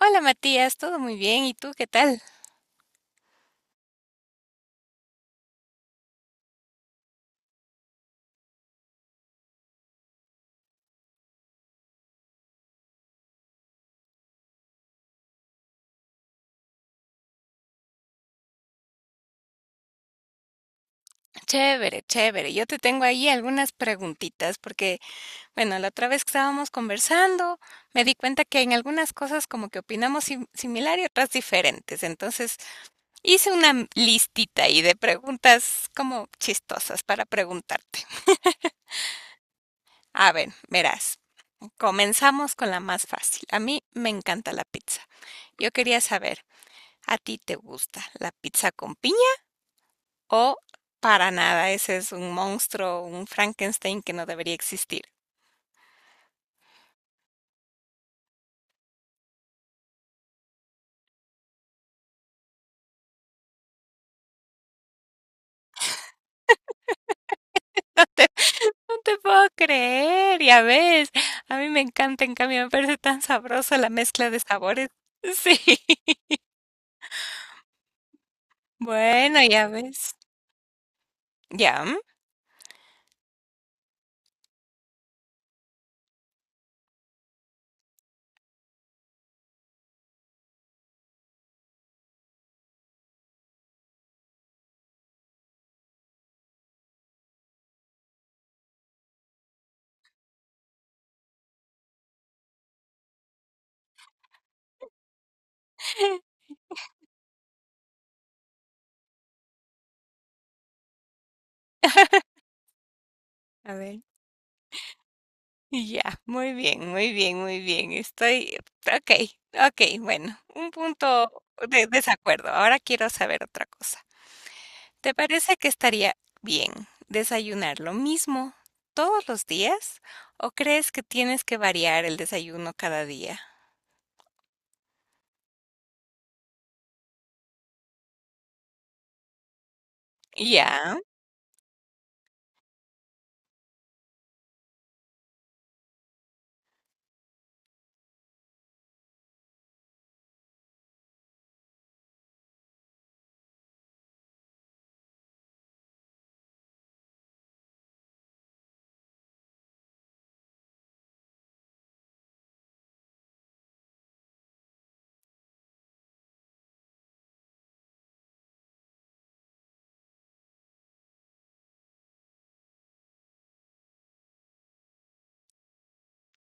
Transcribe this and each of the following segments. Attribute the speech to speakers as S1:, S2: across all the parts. S1: Hola Matías, todo muy bien. ¿Y tú qué tal? Chévere, chévere. Yo te tengo ahí algunas preguntitas porque, bueno, la otra vez que estábamos conversando, me di cuenta que en algunas cosas como que opinamos similar y otras diferentes. Entonces, hice una listita ahí de preguntas como chistosas para preguntarte. A ver, verás, comenzamos con la más fácil. A mí me encanta la pizza. Yo quería saber, ¿a ti te gusta la pizza con piña? O para nada, ese es un monstruo, un Frankenstein que no debería existir. Te- No te puedo creer, ya ves. A mí me encanta, en cambio, me parece tan sabroso la mezcla de sabores. Sí. Bueno, ya ves. Ya. Mm. A ver. Ya, muy bien, muy bien, muy bien. Estoy. Ok, ok, bueno. Un punto de desacuerdo. Ahora quiero saber otra cosa. ¿Te parece que estaría bien desayunar lo mismo todos los días o crees que tienes que variar el desayuno cada día? Ya.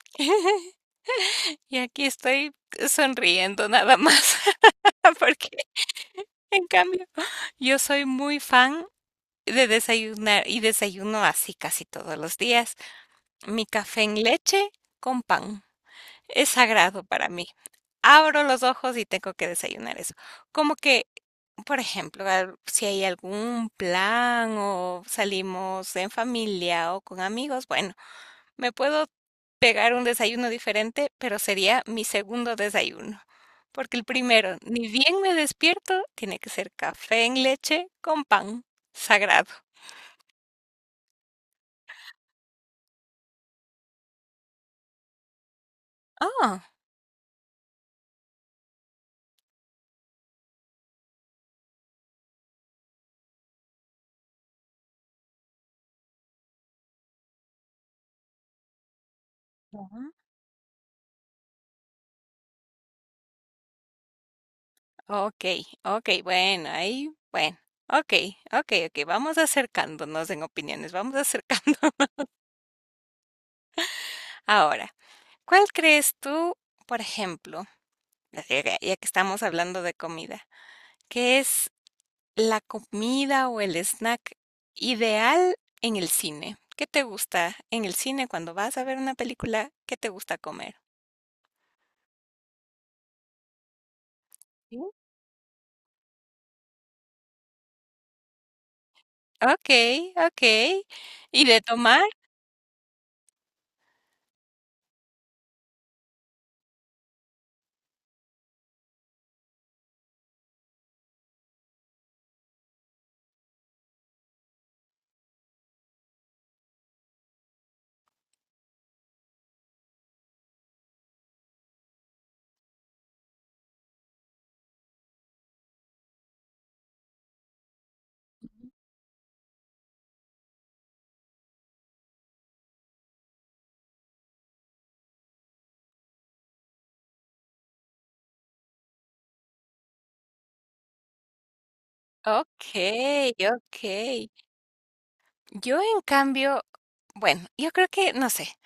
S1: Y aquí estoy sonriendo nada más, porque en cambio yo soy muy fan de desayunar y desayuno así casi todos los días. Mi café en leche con pan. Es sagrado para mí. Abro los ojos y tengo que desayunar eso. Como que, por ejemplo, si hay algún plan o salimos en familia o con amigos, bueno, me puedo pegar un desayuno diferente, pero sería mi segundo desayuno. Porque el primero, ni bien me despierto, tiene que ser café en leche con pan. Sagrado. Ah. Okey, okey, bueno, ahí, bueno, okey, okey, okey, vamos acercándonos en opiniones, vamos acercando. Ahora, ¿cuál crees tú, por ejemplo, ya que estamos hablando de comida, qué es la comida o el snack ideal en el cine? ¿Qué te gusta en el cine cuando vas a ver una película? ¿Qué te gusta comer? ¿Sí? Okey, okey, ¿y de tomar? Okey, okey. Yo, en cambio, bueno, yo creo que, no sé,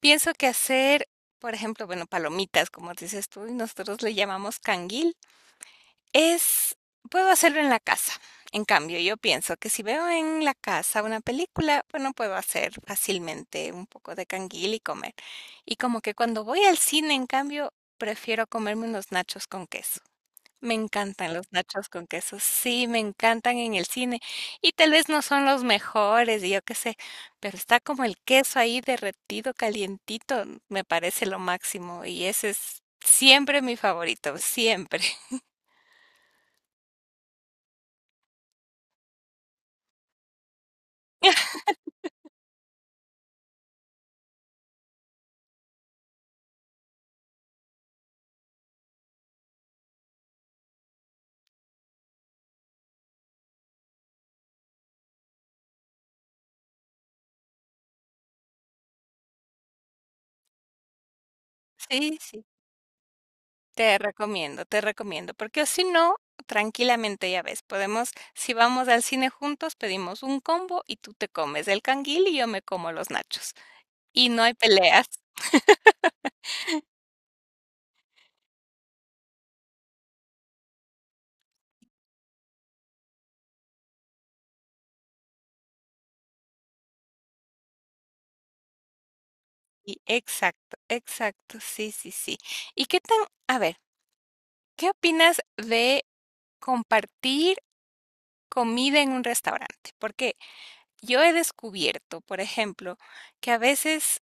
S1: pienso que hacer, por ejemplo, bueno, palomitas, como dices tú, y nosotros le llamamos canguil, es, puedo hacerlo en la casa. En cambio, yo pienso que si veo en la casa una película, bueno, puedo hacer fácilmente un poco de canguil y comer. Y como que cuando voy al cine, en cambio, prefiero comerme unos nachos con queso. Me encantan los nachos con queso, sí, me encantan en el cine y tal vez no son los mejores, y yo qué sé, pero está como el queso ahí derretido, calientito, me parece lo máximo y ese es siempre mi favorito, siempre. Sí, sí, te recomiendo, porque si no, tranquilamente ya ves, podemos, si vamos al cine juntos, pedimos un combo y tú te comes el canguil y yo me como los nachos y no hay peleas. Y exacto, exacto, sí, sí, sí. ¿Y qué tan, a ver, qué opinas de compartir comida en un restaurante? Porque yo he descubierto, por ejemplo, que a veces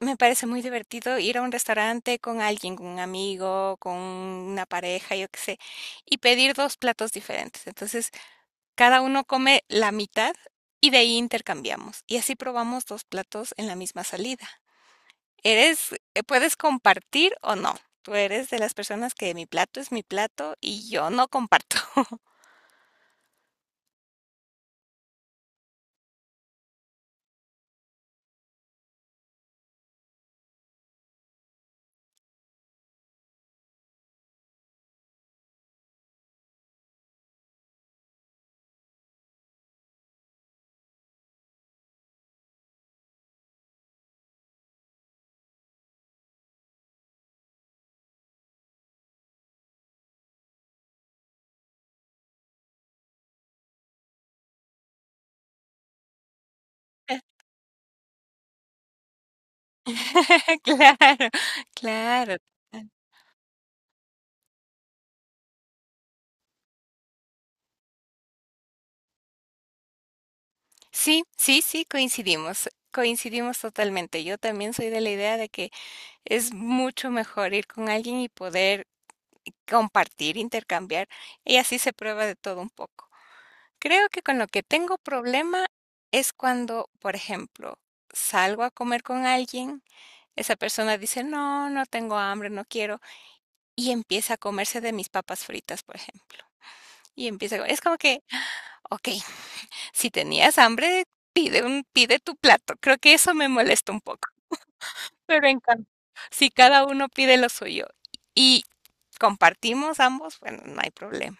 S1: me parece muy divertido ir a un restaurante con alguien, con un amigo, con una pareja, yo qué sé, y pedir dos platos diferentes. Entonces, cada uno come la mitad y de ahí intercambiamos. Y así probamos dos platos en la misma salida. Eres, puedes compartir o no. Tú eres de las personas que mi plato es mi plato y yo no comparto. Claro, claro. Sí, sí, sí, coincidimos, coincidimos totalmente. Yo también soy de la idea de que es mucho mejor ir con alguien y poder compartir, intercambiar, y así se prueba de todo un poco. Creo que con lo que tengo problema es cuando, por ejemplo, salgo a comer con alguien, esa persona dice, no, no tengo hambre, no quiero, y empieza a comerse de mis papas fritas, por ejemplo. Y empieza, es como que, ok, si tenías hambre, pide tu plato. Creo que eso me molesta un poco. Pero en cambio, si cada uno pide lo suyo y compartimos ambos, bueno, no hay problema.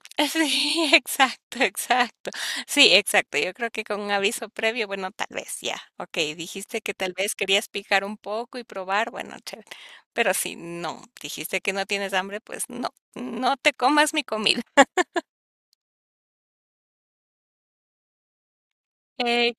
S1: Sí, exacto, exacto. Sí, exacto. Yo creo que con un aviso previo, bueno, tal vez ya. Ok, dijiste que tal vez querías picar un poco y probar, bueno, chévere. Pero si no, dijiste que no tienes hambre, pues no, no te comas mi comida. Eh,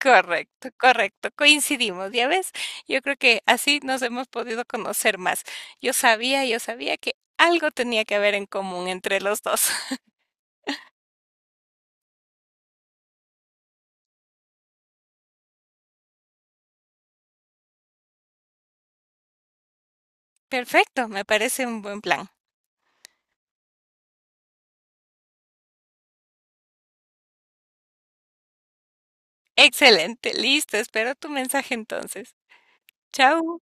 S1: correcto, correcto. Coincidimos, ¿ya ves? Yo creo que así nos hemos podido conocer más. Yo sabía que algo tenía que haber en común entre los dos. Perfecto, me parece un buen plan. Excelente, listo, espero tu mensaje entonces. Chao.